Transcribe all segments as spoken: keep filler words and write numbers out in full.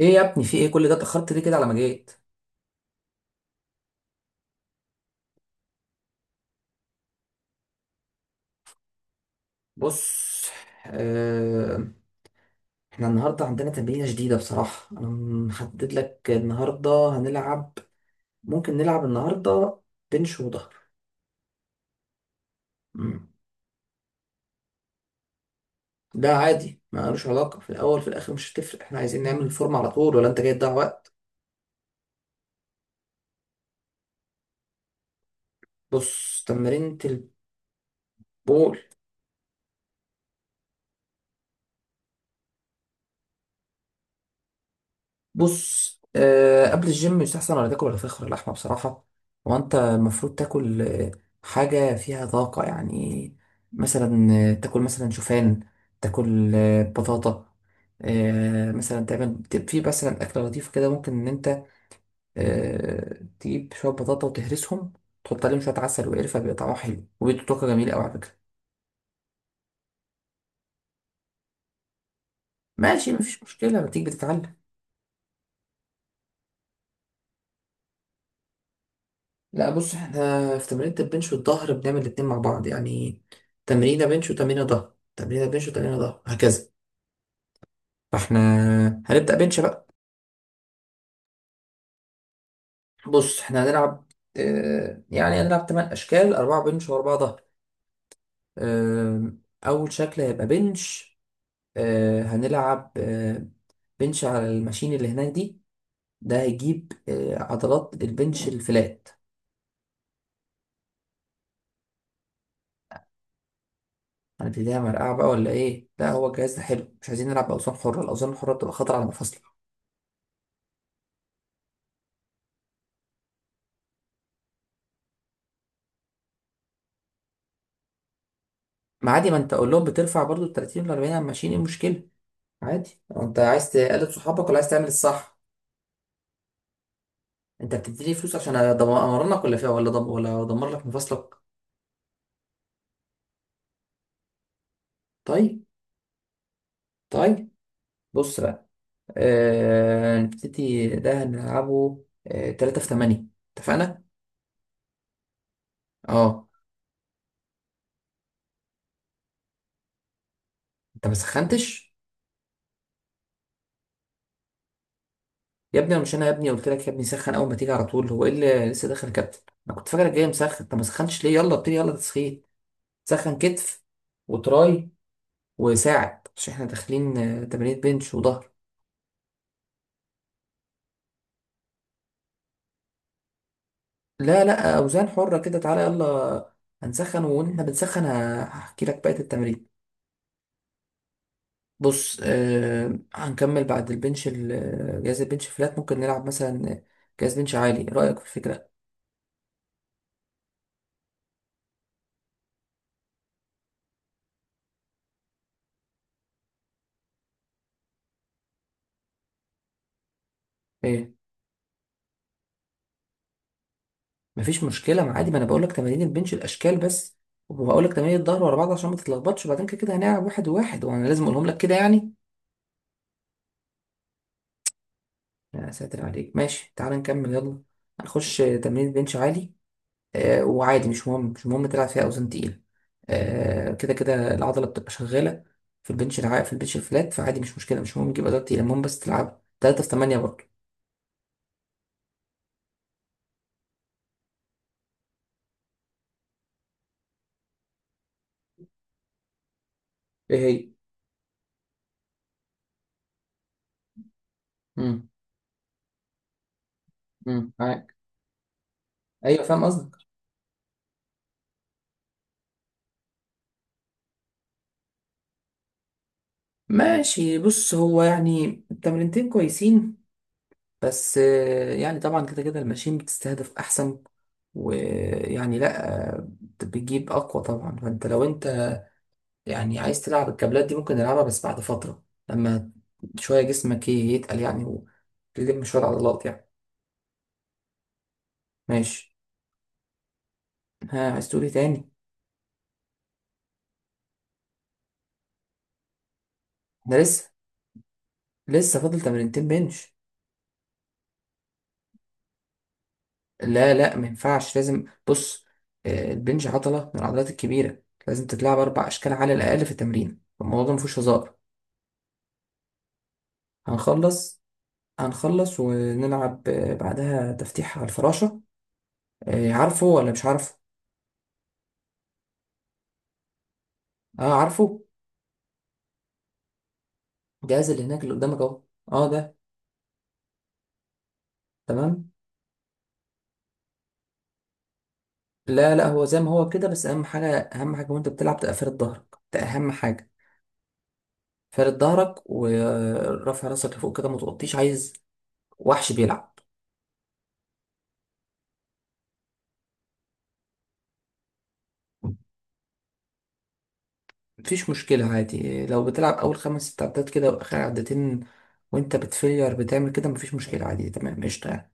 ايه يا ابني؟ في ايه؟ كل ده اتاخرت ليه كده على ما جيت؟ بص. آه. احنا النهارده عندنا تمرينه جديده. بصراحه انا محدد لك النهارده هنلعب. ممكن نلعب النهارده بنش وظهر. مم. ده عادي، ما لوش علاقه في الاول في الاخر مش هتفرق. احنا عايزين نعمل الفورمه على طول، ولا انت جاي تضيع وقت؟ بص تمرينه. البول. بص، آه قبل الجيم يستحسن ولا تاكل الفراخ ولا اللحمه بصراحه. وانت المفروض تاكل آه، حاجه فيها طاقه يعني. مثلا آه، تاكل مثلا شوفان، تاكل آه، بطاطا. آه مثلا تعمل ت- في مثلا اكله لطيفه كده، ممكن ان انت آه تجيب شويه بطاطا وتهرسهم، تحط عليهم شويه عسل وقرفه، بيبقى طعمها حلو وبيدوا طاقه جميله قوي على فكره. ماشي مفيش مشكله، ما تيجي بتتعلم. لا بص، احنا في تمرينة البنش والظهر بنعمل الاتنين مع بعض يعني. تمرينة بنش وتمرينة ظهر، تمرينة بنش وتمرينة ظهر، هكذا. فاحنا هنبدأ بنش بقى. بص احنا هنلعب، اه يعني هنلعب تمن أشكال، أربعة بنش وأربعة ظهر. اه. أول شكل هيبقى بنش. اه هنلعب اه بنش على الماشين اللي هناك دي. ده هيجيب اه عضلات البنش الفلات. هنبتديها مرقعة بقى ولا ايه؟ لا، هو الجهاز ده حلو، مش عايزين نلعب بأوزان حرة. الأوزان الحرة بتبقى خطر على المفاصل. ما عادي، ما انت قول لهم بترفع برضو ال تلاتين وال أربعين على ماشيين، ايه المشكله؟ عادي. هو انت عايز تقلد صحابك ولا عايز تعمل الصح؟ انت بتديني فلوس عشان ادمرنك ولا فيها ولا دم، ولا ادمر لك مفاصلك؟ طيب. طيب. بص بقى، آه... نبتدي. ده هنلعبه آه... ثلاثة في ثمانية، اتفقنا. اه. انت ما سخنتش؟ يا ابني مش انا يا ابني قلت لك يا ابني سخن اول ما تيجي على طول؟ هو ايه اللي لسه داخل يا كابتن؟ انا كنت فاكرك جاي مسخن. انت ما سخنتش ليه؟ يلا ابتدي، يلا تسخين. سخن كتف وتراي وساعد، مش احنا داخلين آه، تمارين بنش وظهر؟ لا لا، اوزان حرة كده، تعالى يلا. هنسخن واحنا بنسخن ه- هحكي لك بقية التمارين. بص آه هنكمل بعد البنش ال- جهاز البنش فلات، ممكن نلعب مثلا جهاز بنش عالي، إيه رأيك في الفكرة؟ ايه؟ مفيش مشكلة، ما عادي، ما انا بقول لك تمارين البنش الاشكال بس، وهقول لك تمارين الظهر ورا بعض عشان ما تتلخبطش، وبعدين كده كده هنلعب واحد وواحد، وانا لازم اقولهم لك كده يعني. يا ساتر عليك. ماشي تعالى نكمل يلا. هنخش تمرين بنش عالي. آه، وعادي مش مهم مش مهم تلعب فيها اوزان تقيله، آه، كده كده العضله بتبقى شغاله. في البنش الع... في البنش الفلات فعادي مش مشكله، مش مهم تجيب اوزان تقيله، المهم بس تلعب تلاتة في ثمانية برضه. ايه هي؟ امم امم معاك. ايوه فاهم قصدك. ماشي بص، هو يعني التمرينتين كويسين، بس آه، يعني طبعا كده كده الماشين بتستهدف احسن، ويعني لا آه، بتجيب اقوى طبعا. فانت لو انت يعني عايز تلعب الكابلات دي ممكن نلعبها، بس بعد فترة، لما شوية جسمك ي- يتقل يعني، وتلم شوية عضلات يعني. ماشي. ها عايز تقول ايه تاني؟ انا لسه، لسه فاضل تمرينتين بنش. لا لا ما ينفعش، لازم. بص آه، البنش عضلة من العضلات الكبيرة، لازم تتلعب أربع أشكال على الأقل في التمرين، الموضوع ده مفيهوش هزار. هنخلص، هنخلص ونلعب آه، بعدها تفتيح على الفراشة. آه، عارفه ولا مش عارفه؟ اه عارفه. الجهاز اللي هناك اللي قدامك اهو. اه ده. تمام. لا لا، هو زي ما هو كده، بس اهم حاجه، اهم حاجه وانت بتلعب تبقى فارد ظهرك، ده اهم حاجه. فارد ظهرك ورافع راسك لفوق كده، ما تغطيش عايز وحش بيلعب. مفيش مشكله عادي، لو بتلعب اول خمس ست عدات كده واخر عدتين وانت بتفيلير بتعمل كده، مفيش مشكله عادي تمام قشطه يعني.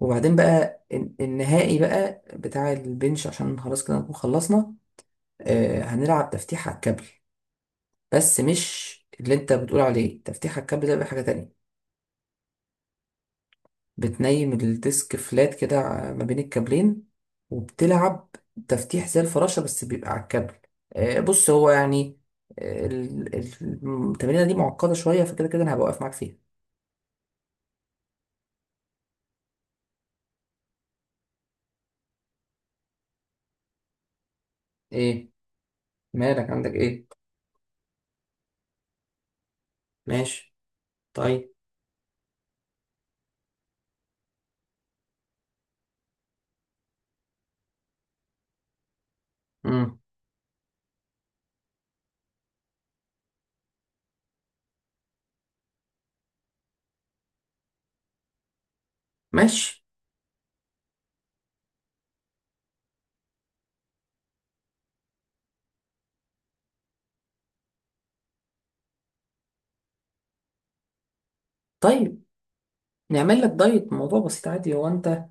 وبعدين بقى الن- النهائي بقى بتاع البنش عشان خلاص كده نكون خلصنا. آه هنلعب تفتيح على الكابل، بس مش اللي انت بتقول عليه. تفتيح على الكابل ده بقى حاجه تانية، بتنيم الديسك فلات كده ع- ما بين الكابلين، وبتلعب تفتيح زي الفراشة بس بيبقى على الكابل. آه، بص هو يعني، آه، ال- ال- التمرينة دي معقدة شوية، فكده كده أنا هبقى واقف معاك فيها. إيه؟ مالك، عندك إيه؟ ماشي. طيب. مم. ماشي. طيب نعمل لك دايت، موضوع بسيط عادي. هو أنت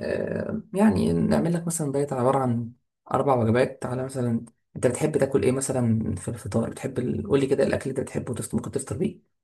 آه، يعني نعمل لك مثلا دايت عبارة عن أربع وجبات على مثلا. أنت بتحب تاكل إيه مثلا في الفطار؟ بتحب ال- قول لي كده الأكل اللي أنت بتحبه وتفط- ممكن تفطر بيه.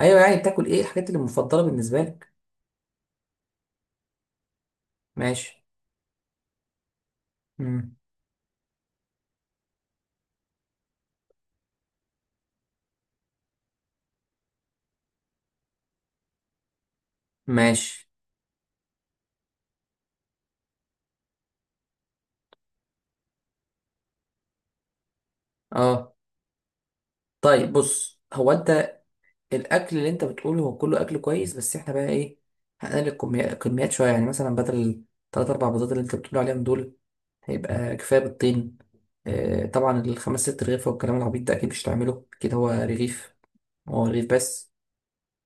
ايوه يعني بتاكل ايه الحاجات اللي مفضله بالنسبه لك؟ ماشي. مم. ماشي. اه. طيب بص، هو انت الاكل اللي انت بتقوله هو كله اكل كويس، بس احنا بقى ايه؟ هنقلل الكمي- الكميات شويه يعني. مثلا بدل الثلاث اربع بيضات اللي انت بتقول عليهم دول هيبقى كفايه بيضتين. آه طبعا الخمس ست رغيف والكلام العبيط ده اكيد مش هتعمله كده، هو رغيف، هو رغيف بس.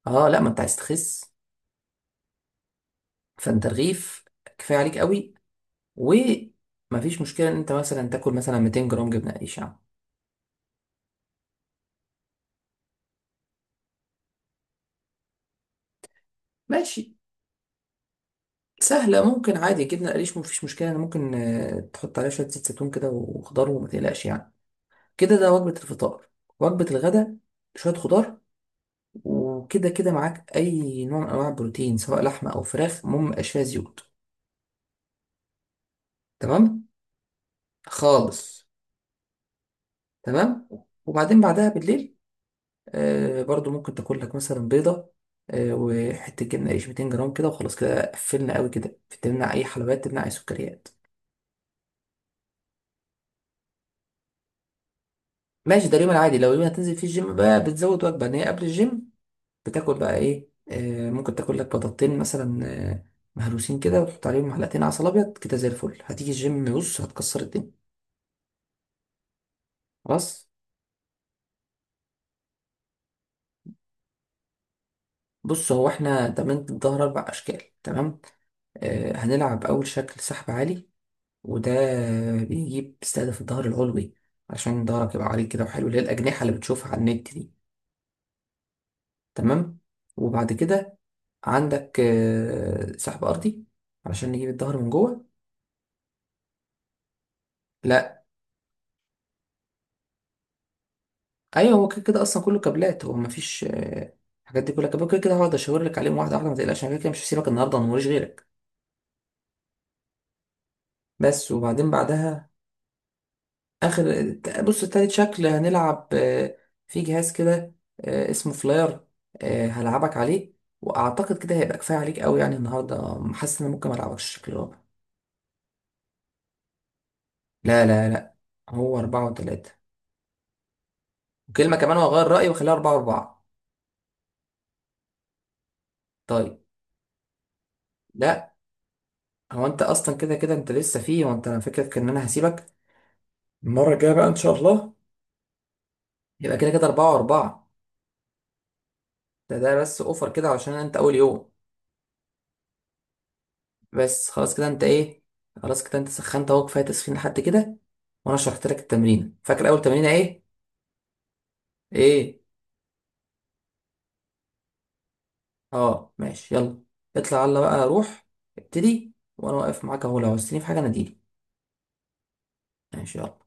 اه لا، ما انت عايز تخس، فانت رغيف كفايه عليك قوي. ومفيش مشكله ان انت مثلا تاكل مثلا ميتين جرام جبنه قريش يعني. ماشي سهلة، ممكن عادي جبنة قريش مفيش مشكلة، أنا ممكن آه، تحط عليها شوية زيت زيتون كده وخضار، وما تقلقش يعني. كده ده وجبة الفطار. وجبة الغداء شوية خضار، وكده كده معاك أي نوع من أنواع البروتين، سواء لحمة أو فراخ، المهم ميبقاش فيها زيوت. تمام. خالص. تمام. وبعدين بعدها بالليل آه برضو ممكن تاكل لك مثلا بيضة آه وحتة جبنة قريش ميتين جرام كده، وخلاص كده قفلنا قوي كده. تمنع أي حلويات، تمنع أي سكريات. ماشي، ده اليوم العادي. لو اليوم هتنزل فيه الجيم بقى بتزود وجبة ان هي قبل الجيم، بتاكل بقى ايه؟ آه ممكن تاكل لك بطاطتين مثلا، آه، مهروسين كده وتحط عليهم معلقتين عسل ابيض كده، زي الفل. هتيجي الجيم بص هتكسر الدنيا. خلاص. بص هو احنا تمرينة الظهر اربع اشكال، تمام. آه هنلعب اول شكل سحب عالي. وده بيجيب، بيستهدف الظهر العلوي، عشان ظهرك يبقى عريض كده وحلو، اللي هي الاجنحة اللي بتشوفها على النت دي. تمام. وبعد كده عندك آه، سحب ارضي، علشان نجيب الظهر من جوه. لا. ايوه هو كده كده اصلا كله كابلات، هو مفيش آه، الحاجات دي كلها كابلات، كده كده هقعد اشاور لك عليهم واحده واحده. ما تقلقش انا كده كده مش هسيبك النهارده، انا موريش غيرك. بس. وبعدين بعدها اخر، بص تالت شكل هنلعب، آه، في جهاز كده آه، اسمه فلاير، آه، هلعبك عليه. واعتقد كده هيبقى كفايه عليك قوي يعني النهارده، حاسس ان أنا ممكن ما العبكش الشكل الرابع. لا لا لا، هو اربعه وتلاته. وكلمة كمان وأغير رأيي وأخليها أربعة وأربعة. طيب. لا، هو أنت أصلا كده كده أنت لسه فيه، وأنت أنا فكرتك إن أنا هسيبك. المرة الجاية بقى إن شاء الله يبقى كده كده أربعة وأربعة. ده ده بس أوفر كده عشان أنت أول يوم. بس خلاص كده، أنت إيه؟ خلاص كده أنت سخنت أهو، كفاية تسخين لحد كده. وأنا شرحت لك التمرين. فاكر أول تمرينة إيه؟ إيه؟ أه ماشي يلا. اطلع يلا بقى، روح ابتدي، وأنا واقف معاك أهو لو عوزتني في حاجة ناديلي. ماشي يلا.